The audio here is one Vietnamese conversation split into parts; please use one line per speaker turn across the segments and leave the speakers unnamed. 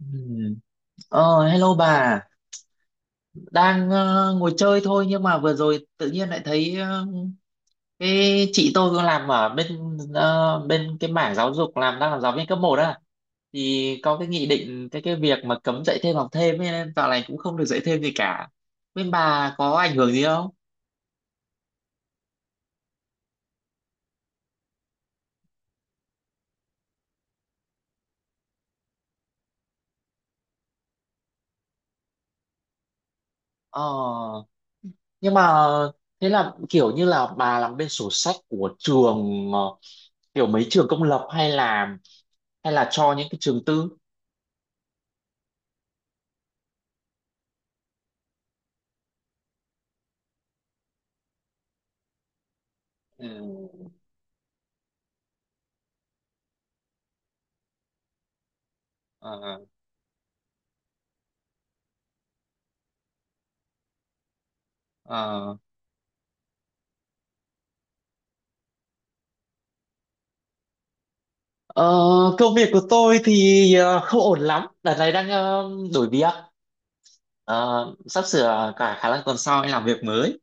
Ừm. Hello bà, đang ngồi chơi thôi nhưng mà vừa rồi tự nhiên lại thấy cái chị tôi cũng làm ở bên cái mảng giáo dục, đang làm giáo viên cấp một á, thì có cái nghị định, cái việc mà cấm dạy thêm học thêm ấy, nên dạo này cũng không được dạy thêm gì cả. Bên bà có ảnh hưởng gì không? Ờ, nhưng mà thế là kiểu như là bà làm bên sổ sách của trường, kiểu mấy trường công lập hay là cho những cái trường tư? Ừ. À. À. Ờ, công việc của tôi thì không ổn lắm. Đợt này đang đổi việc. Ờ, sắp sửa, cả khả năng tuần sau anh làm việc mới.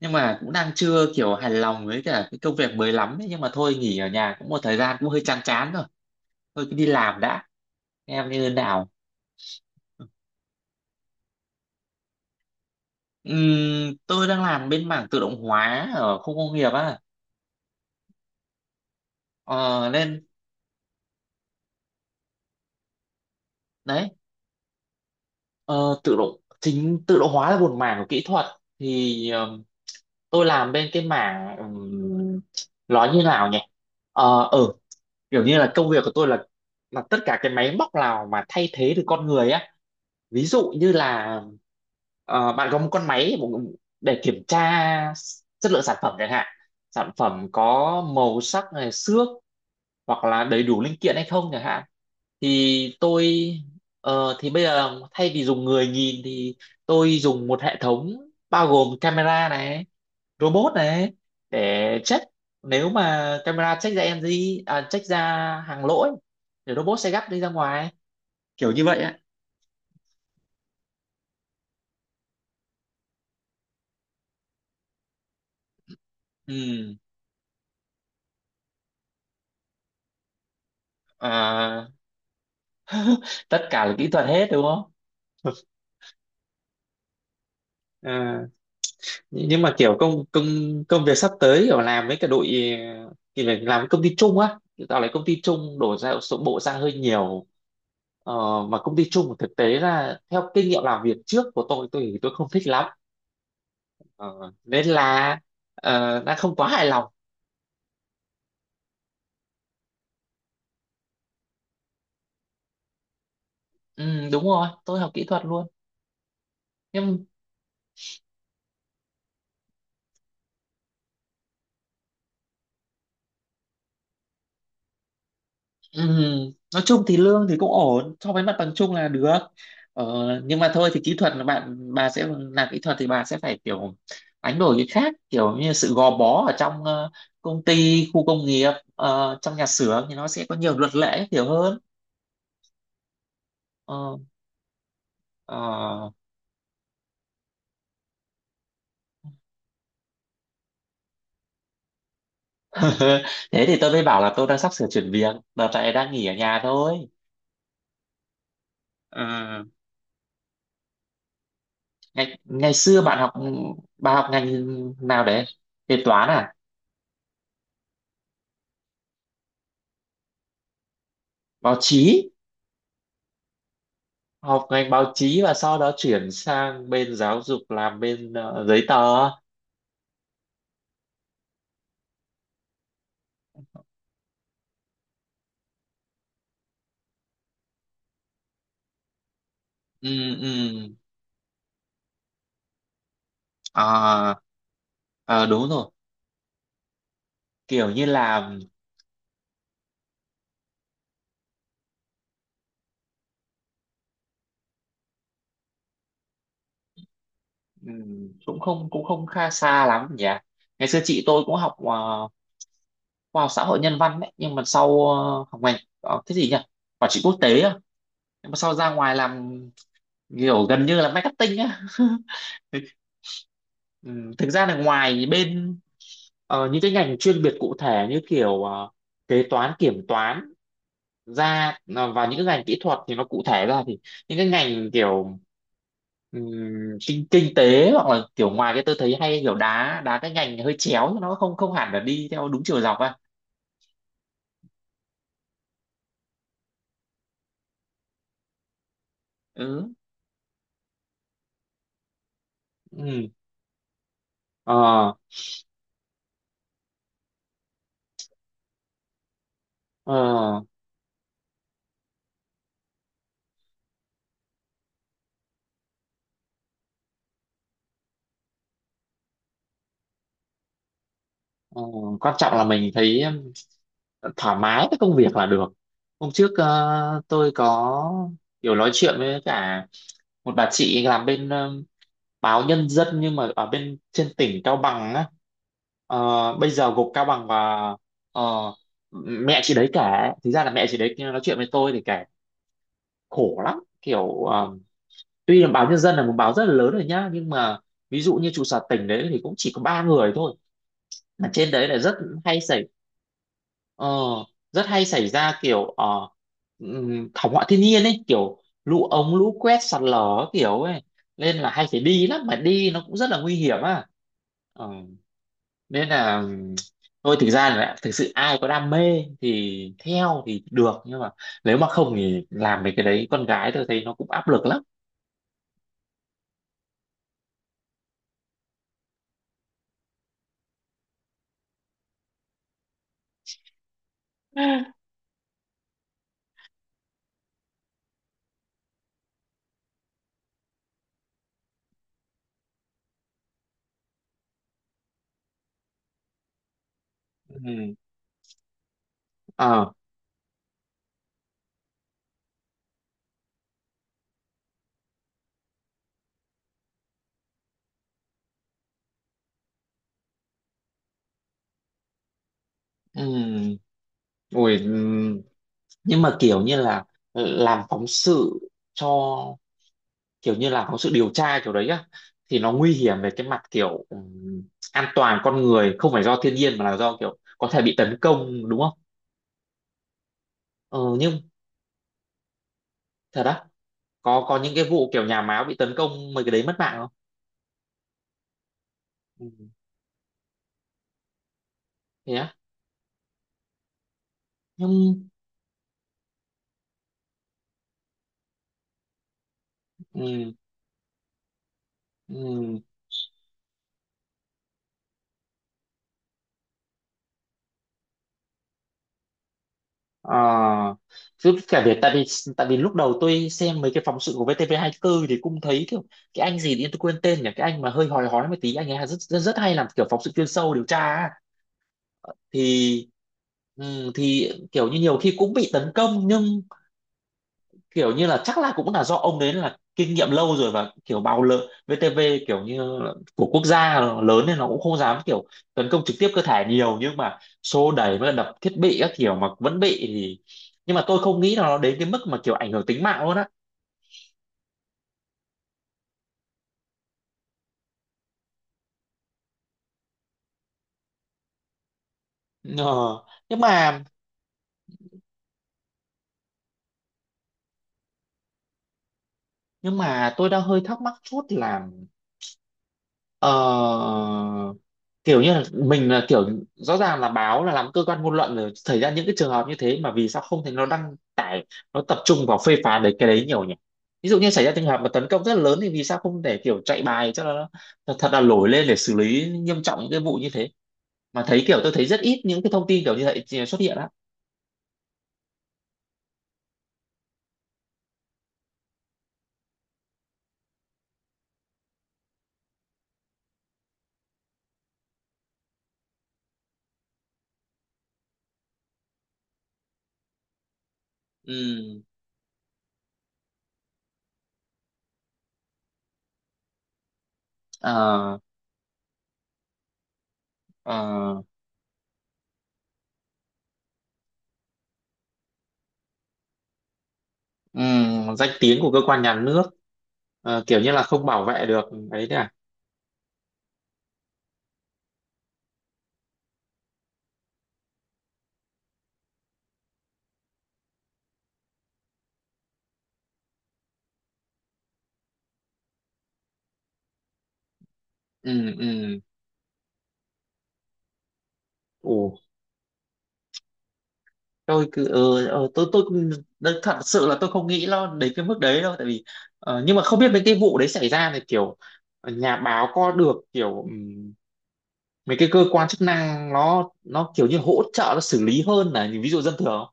Nhưng mà cũng đang chưa kiểu hài lòng với cả cái công việc mới lắm ấy. Nhưng mà thôi, nghỉ ở nhà cũng một thời gian cũng hơi chán chán rồi. Thôi cứ đi làm đã. Em như thế nào? Tôi đang làm bên mảng tự động hóa ở khu công nghiệp á. Ờ, Nên đấy, Ờ, tự động chính tự động hóa là một mảng của kỹ thuật. Thì tôi làm bên cái mảng, nói như nào nhỉ, ờ ừ, kiểu như là công việc của tôi là tất cả cái máy móc nào mà thay thế được con người á. Ví dụ như là bạn có một con máy để kiểm tra chất lượng sản phẩm chẳng hạn, sản phẩm có màu sắc này xước hoặc là đầy đủ linh kiện hay không chẳng hạn, thì thì bây giờ thay vì dùng người nhìn thì tôi dùng một hệ thống bao gồm camera này, robot này, để check. Nếu mà camera check ra NG, à, check ra hàng lỗi thì robot sẽ gắp đi ra ngoài, kiểu như vậy ạ. Ừ. À, tất cả là kỹ thuật hết đúng không? Ừ. Nhưng mà kiểu, công công công việc sắp tới ở làm với cả đội, thì phải làm với công ty chung á, tạo lại công ty chung đổ ra số bộ ra hơi nhiều. Ờ, mà công ty chung thực tế là theo kinh nghiệm làm việc trước của tôi thì tôi không thích lắm. Ờ, nên là, đã không quá hài lòng. Ừ, đúng rồi, tôi học kỹ thuật luôn. Nhưng... Ừ, nói chung thì lương thì cũng ổn, so với mặt bằng chung là được. Ờ, nhưng mà thôi thì, kỹ thuật là bà sẽ làm kỹ thuật, thì bà sẽ phải kiểu đánh đổi cái khác, kiểu như sự gò bó ở trong, công ty khu công nghiệp, trong nhà xưởng thì nó sẽ có nhiều luật lệ hiểu hơn. ờ, ờ. Thế thì tôi mới bảo là tôi đang sắp sửa chuyển việc, đợt này đang nghỉ ở nhà thôi. Ờ, ngày ngày xưa bạn học bà học ngành nào đấy? Kế toán à? Báo chí. Học ngành báo chí và sau đó chuyển sang bên giáo dục, làm bên giấy tờ. Ừ. Ừ. À. ờ, đúng rồi, kiểu như là. Ừ, cũng không kha xa lắm nhỉ. Ngày xưa chị tôi cũng học khoa học xã hội nhân văn đấy, nhưng mà sau học ngành, cái gì nhỉ, quản trị quốc tế à, nhưng mà sau ra ngoài làm kiểu gần như là marketing á. Ừ, thực ra là ngoài bên... Những cái ngành chuyên biệt cụ thể như kiểu kế toán kiểm toán ra, và những cái ngành kỹ thuật thì nó cụ thể ra thì những cái ngành kiểu, ừm, kinh kinh tế hoặc là kiểu ngoài, cái tôi thấy hay kiểu đá đá cái ngành hơi chéo, nó không không hẳn là đi theo đúng chiều dọc à. Ừ. Ừ. Ờ. ờ ờ, quan trọng là mình thấy thoải mái với công việc là được. Hôm trước tôi có kiểu nói chuyện với cả một bà chị làm bên báo Nhân Dân, nhưng mà ở bên trên tỉnh Cao Bằng á, ờ, bây giờ gục Cao Bằng và, ờ, mẹ chị đấy kể. Thực ra là mẹ chị đấy nói chuyện với tôi thì kể khổ lắm, kiểu tuy là báo Nhân Dân là một báo rất là lớn rồi nhá, nhưng mà ví dụ như trụ sở tỉnh đấy thì cũng chỉ có ba người thôi, mà trên đấy là rất hay xảy Ờ, hay xảy ra kiểu, thảm họa thiên nhiên ấy, kiểu lũ ống, lũ quét, sạt lở các kiểu ấy, nên là hay phải đi lắm, mà đi nó cũng rất là nguy hiểm à. Ờ, nên là, thôi, thực ra là thực sự ai có đam mê thì theo thì được, nhưng mà nếu mà không thì làm mấy cái đấy con gái tôi thấy nó cũng áp lực lắm. Ừm, ờ, ừm, ôi, ừm, nhưng mà kiểu như là làm phóng sự cho kiểu như là có sự điều tra kiểu đấy á, thì nó nguy hiểm về cái mặt kiểu an toàn con người, không phải do thiên nhiên mà là do kiểu có thể bị tấn công, đúng không? Ừ, nhưng thật á? Có những cái vụ kiểu nhà báo bị tấn công mấy cái đấy mất mạng không? Ừ. Thế á? Nhưng, ừ, ừ, ờ, chứ cả việc, tại vì lúc đầu tôi xem mấy cái phóng sự của VTV24 thì cũng thấy kiểu, cái anh gì đi tôi quên tên nhỉ, cái anh mà hơi hói hói một tí, anh ấy rất rất, rất hay làm kiểu phóng sự chuyên sâu điều tra á, thì thì kiểu như nhiều khi cũng bị tấn công, nhưng kiểu như là chắc là cũng là do ông đấy là kinh nghiệm lâu rồi và kiểu bào lợ VTV, kiểu như là của quốc gia lớn, nên nó cũng không dám kiểu tấn công trực tiếp cơ thể nhiều, nhưng mà xô đẩy với đập thiết bị các kiểu mà vẫn bị thì, nhưng mà tôi không nghĩ là nó đến cái mức mà kiểu ảnh hưởng tính mạng luôn á. Ờ, nhưng mà nhưng mà tôi đang hơi thắc mắc chút là, ờ, kiểu như là mình là kiểu, rõ ràng là báo là làm cơ quan ngôn luận rồi, xảy ra những cái trường hợp như thế mà vì sao không thấy nó đăng tải, nó tập trung vào phê phán đấy cái đấy nhiều nhỉ. Ví dụ như xảy ra trường hợp mà tấn công rất là lớn thì vì sao không để kiểu chạy bài cho nó thật, thật là nổi lên để xử lý nghiêm trọng những cái vụ như thế, mà thấy kiểu tôi thấy rất ít những cái thông tin kiểu như vậy xuất hiện á. Ừ. ờ, ờ, danh tiếng của cơ quan nhà nước. Kiểu như là không bảo vệ được. Đấy đấy à? Ừ. Ừ. tôi cứ ừ, ừ, tôi cũng- Đấy, thật sự là tôi không nghĩ nó đến cái mức đấy đâu, tại vì nhưng mà không biết mấy cái vụ đấy xảy ra thì kiểu, nhà báo có được kiểu, mấy cái cơ quan chức năng nó kiểu như hỗ trợ nó xử lý hơn là những ví dụ dân thường không?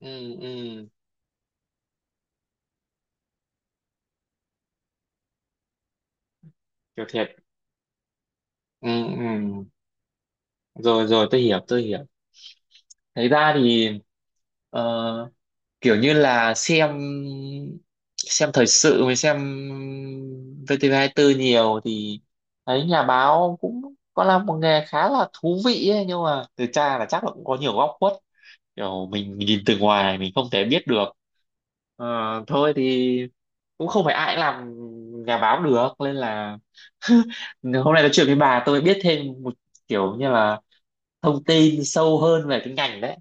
Ừ. Ừ. Kiểu thiệt. Ừ. Ừ. Rồi rồi, tôi hiểu tôi hiểu. Thế ra thì ờ, kiểu như là xem thời sự mới, xem VTV24 nhiều thì thấy nhà báo cũng có là một nghề khá là thú vị ấy, nhưng mà từ cha là chắc là cũng có nhiều góc khuất, kiểu mình nhìn từ ngoài mình không thể biết được. Ờ, thôi thì cũng không phải ai cũng làm nhà báo được nên là... Hôm nay nói chuyện với bà tôi biết thêm một, kiểu như là, thông tin sâu hơn về cái ngành đấy,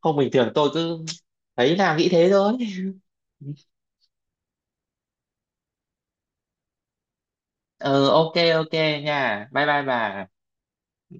không bình thường tôi cứ thấy là nghĩ thế thôi. Ờ ok ok nha, bye bye bà. Ừ.